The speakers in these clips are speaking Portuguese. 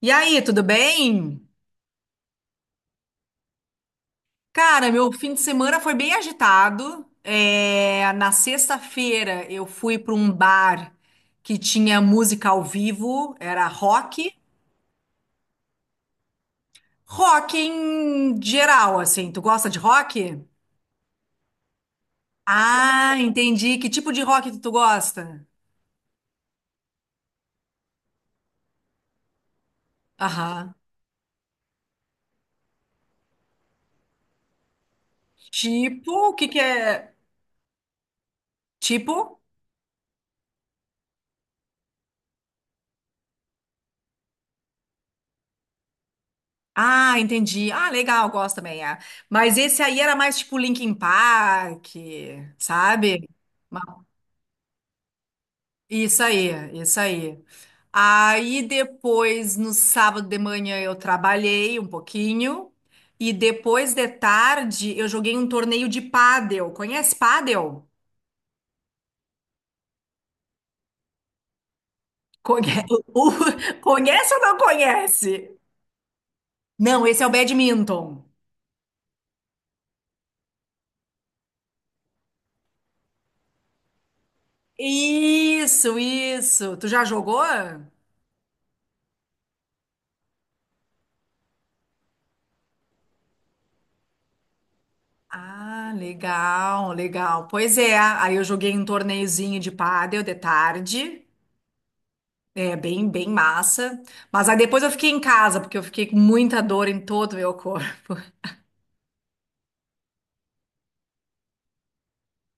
E aí, tudo bem? Cara, meu fim de semana foi bem agitado. Na sexta-feira eu fui para um bar que tinha música ao vivo, era rock. Rock em geral, assim. Tu gosta de rock? Ah, entendi. Que tipo de rock tu gosta? Aham. Tipo, o que que é? Tipo? Ah, entendi. Ah, legal, gosto também. É. Mas esse aí era mais tipo Linkin Park, sabe? Isso aí, isso aí. Aí depois, no sábado de manhã, eu trabalhei um pouquinho. E depois de tarde, eu joguei um torneio de pádel. Conhece pádel? Conhe- o- Conhece ou não conhece? Não, esse é o badminton. Isso, isso. Tu já jogou? Ah, legal, legal. Pois é, aí eu joguei um torneiozinho de pádel de tarde. É bem, bem massa. Mas aí depois eu fiquei em casa, porque eu fiquei com muita dor em todo o meu corpo.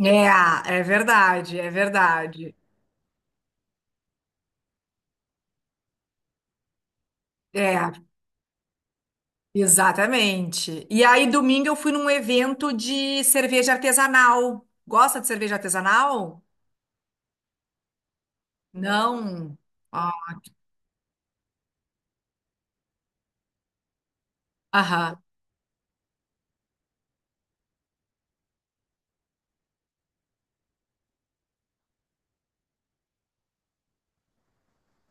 É, é verdade, é verdade. É, exatamente. E aí domingo eu fui num evento de cerveja artesanal. Gosta de cerveja artesanal? Não. Ó, aham,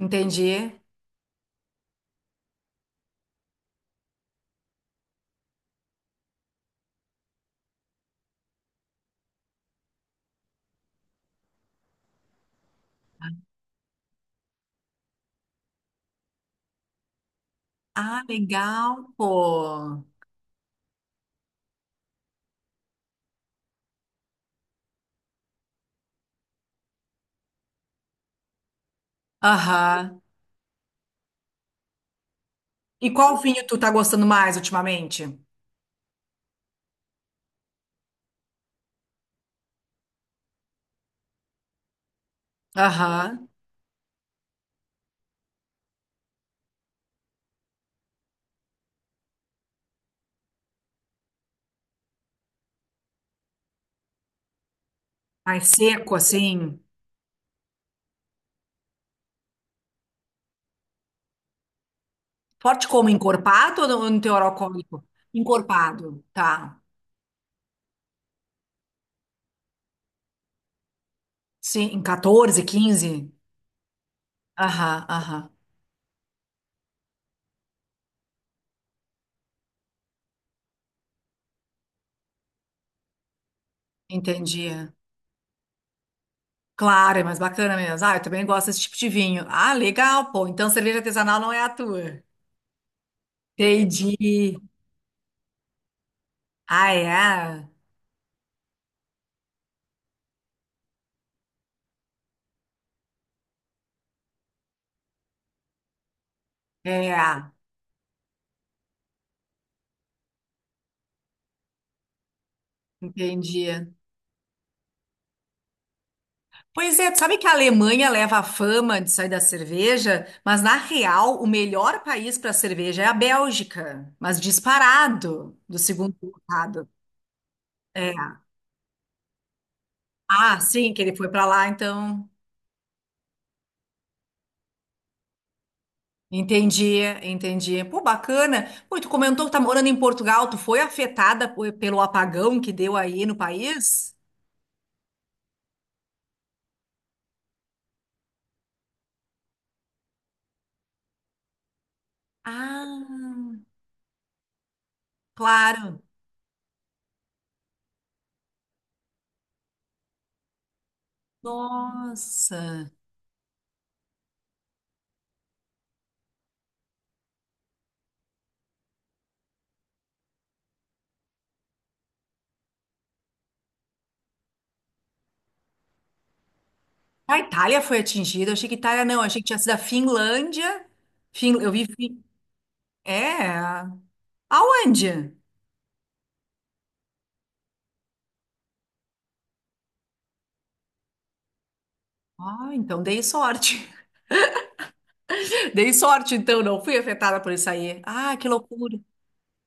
entendi. Ah, legal, pô. Aham. E qual vinho tu tá gostando mais ultimamente? Aham. Mais seco, assim? Forte como? Encorpado ou no teor alcoólico? Encorpado, tá. Sim, em 14, 15. Aham, aham. Entendi. Claro, é mais bacana mesmo. Ah, eu também gosto desse tipo de vinho. Ah, legal, pô. Então cerveja artesanal não é a tua. Entendi. Ah, é? É, entendi. Pois é, tu sabe que a Alemanha leva a fama de sair da cerveja, mas na real, o melhor país para cerveja é a Bélgica, mas disparado do segundo colocado. É. Ah, sim, que ele foi pra lá, então. Entendi, entendi. Pô, bacana. Pô, tu comentou que tá morando em Portugal. Tu foi afetada po- pelo apagão que deu aí no país? Ah, claro. Nossa. A Itália foi atingida. Eu achei que Itália não. Achei que tinha sido a Finlândia. Fin... Eu vi. Fin... É. Aonde? Ah, então dei sorte. Dei sorte, então. Não fui afetada por isso aí. Ah, que loucura.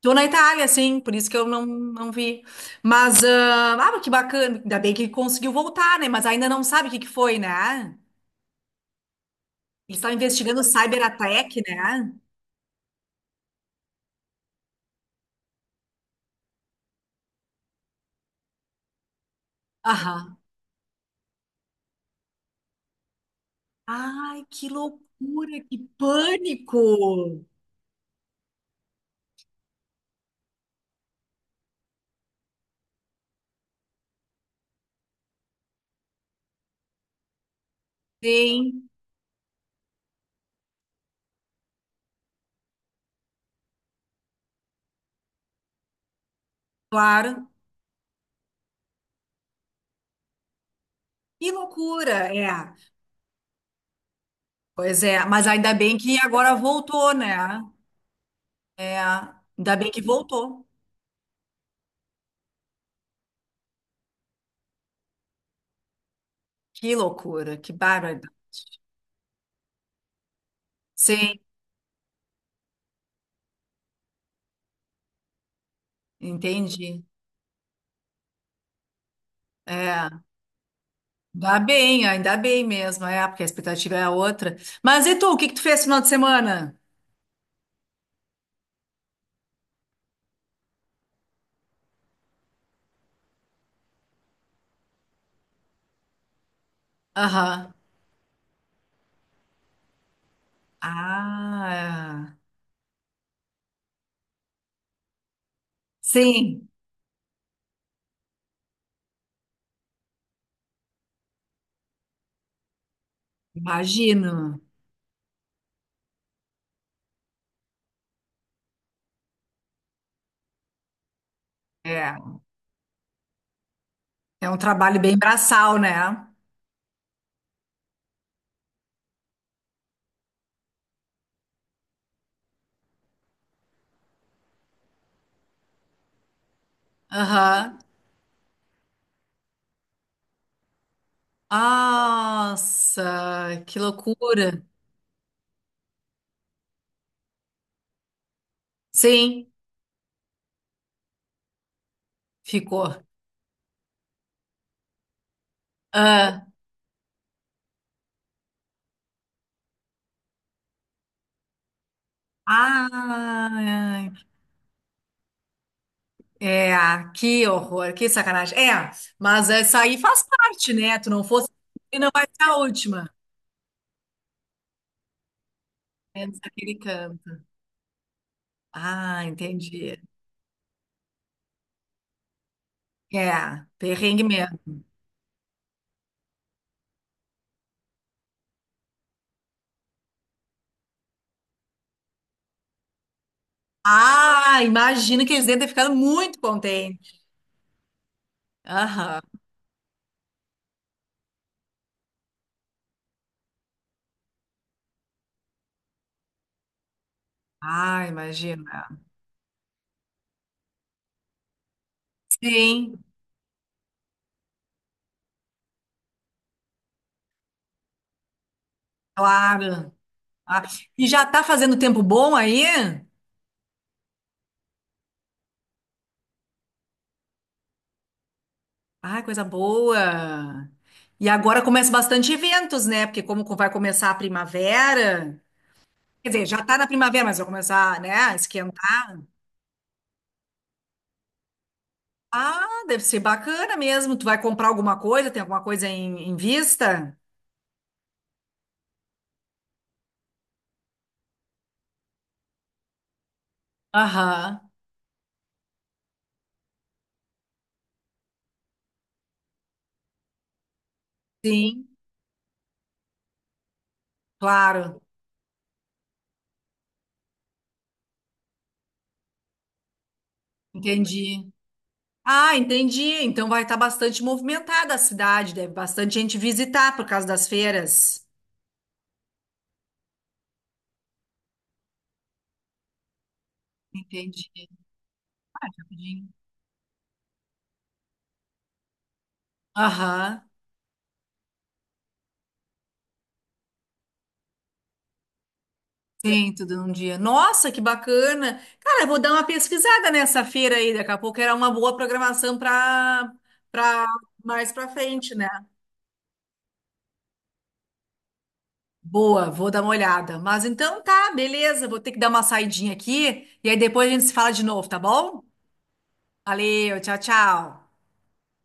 Tô na Itália, sim, por isso que eu não, não vi. Mas, ah, ah, que bacana, ainda bem que conseguiu voltar, né? Mas ainda não sabe o que que foi, né? Eles estão investigando o cyber-ataque, né? Aham. Ai, que loucura, que pânico! Sim, claro. Que loucura, é. Pois é, mas ainda bem que agora voltou, né? É, ainda bem que voltou. Que loucura, que bárbaro. Sim, entendi. É. Dá bem, ainda bem mesmo, é, porque a expectativa é a outra. Mas e tu, o que que tu fez no final de semana? Aham. Ah, sim, imagino. É, é um trabalho bem braçal, né? Aham. Nossa, que loucura. Sim, ficou. Ah, ah, é, que horror, que sacanagem. É, mas essa aí faz parte, né? Tu não fosse, e não vai ser a última. É, ah, entendi. É, perrengue mesmo. Ah, imagino que eles devem ter ficado muito contentes. Aham. Ah, imagina. Sim, claro. Ah, e já tá fazendo tempo bom aí? Ah, coisa boa. E agora começa bastante eventos, né? Porque como vai começar a primavera, quer dizer, já tá na primavera, mas vai começar, né, a esquentar. Ah, deve ser bacana mesmo. Tu vai comprar alguma coisa? Tem alguma coisa em, em vista? Aham. Sim. Claro, entendi. Ah, entendi. Então vai estar bastante movimentada a cidade, deve bastante gente visitar por causa das feiras. Entendi, rapidinho. Aham, tem tudo num dia. Nossa, que bacana. Cara, eu vou dar uma pesquisada nessa feira aí, daqui a pouco era uma boa programação para para mais para frente, né? Boa, vou dar uma olhada. Mas então tá, beleza, vou ter que dar uma saidinha aqui e aí depois a gente se fala de novo, tá bom? Valeu, tchau, tchau.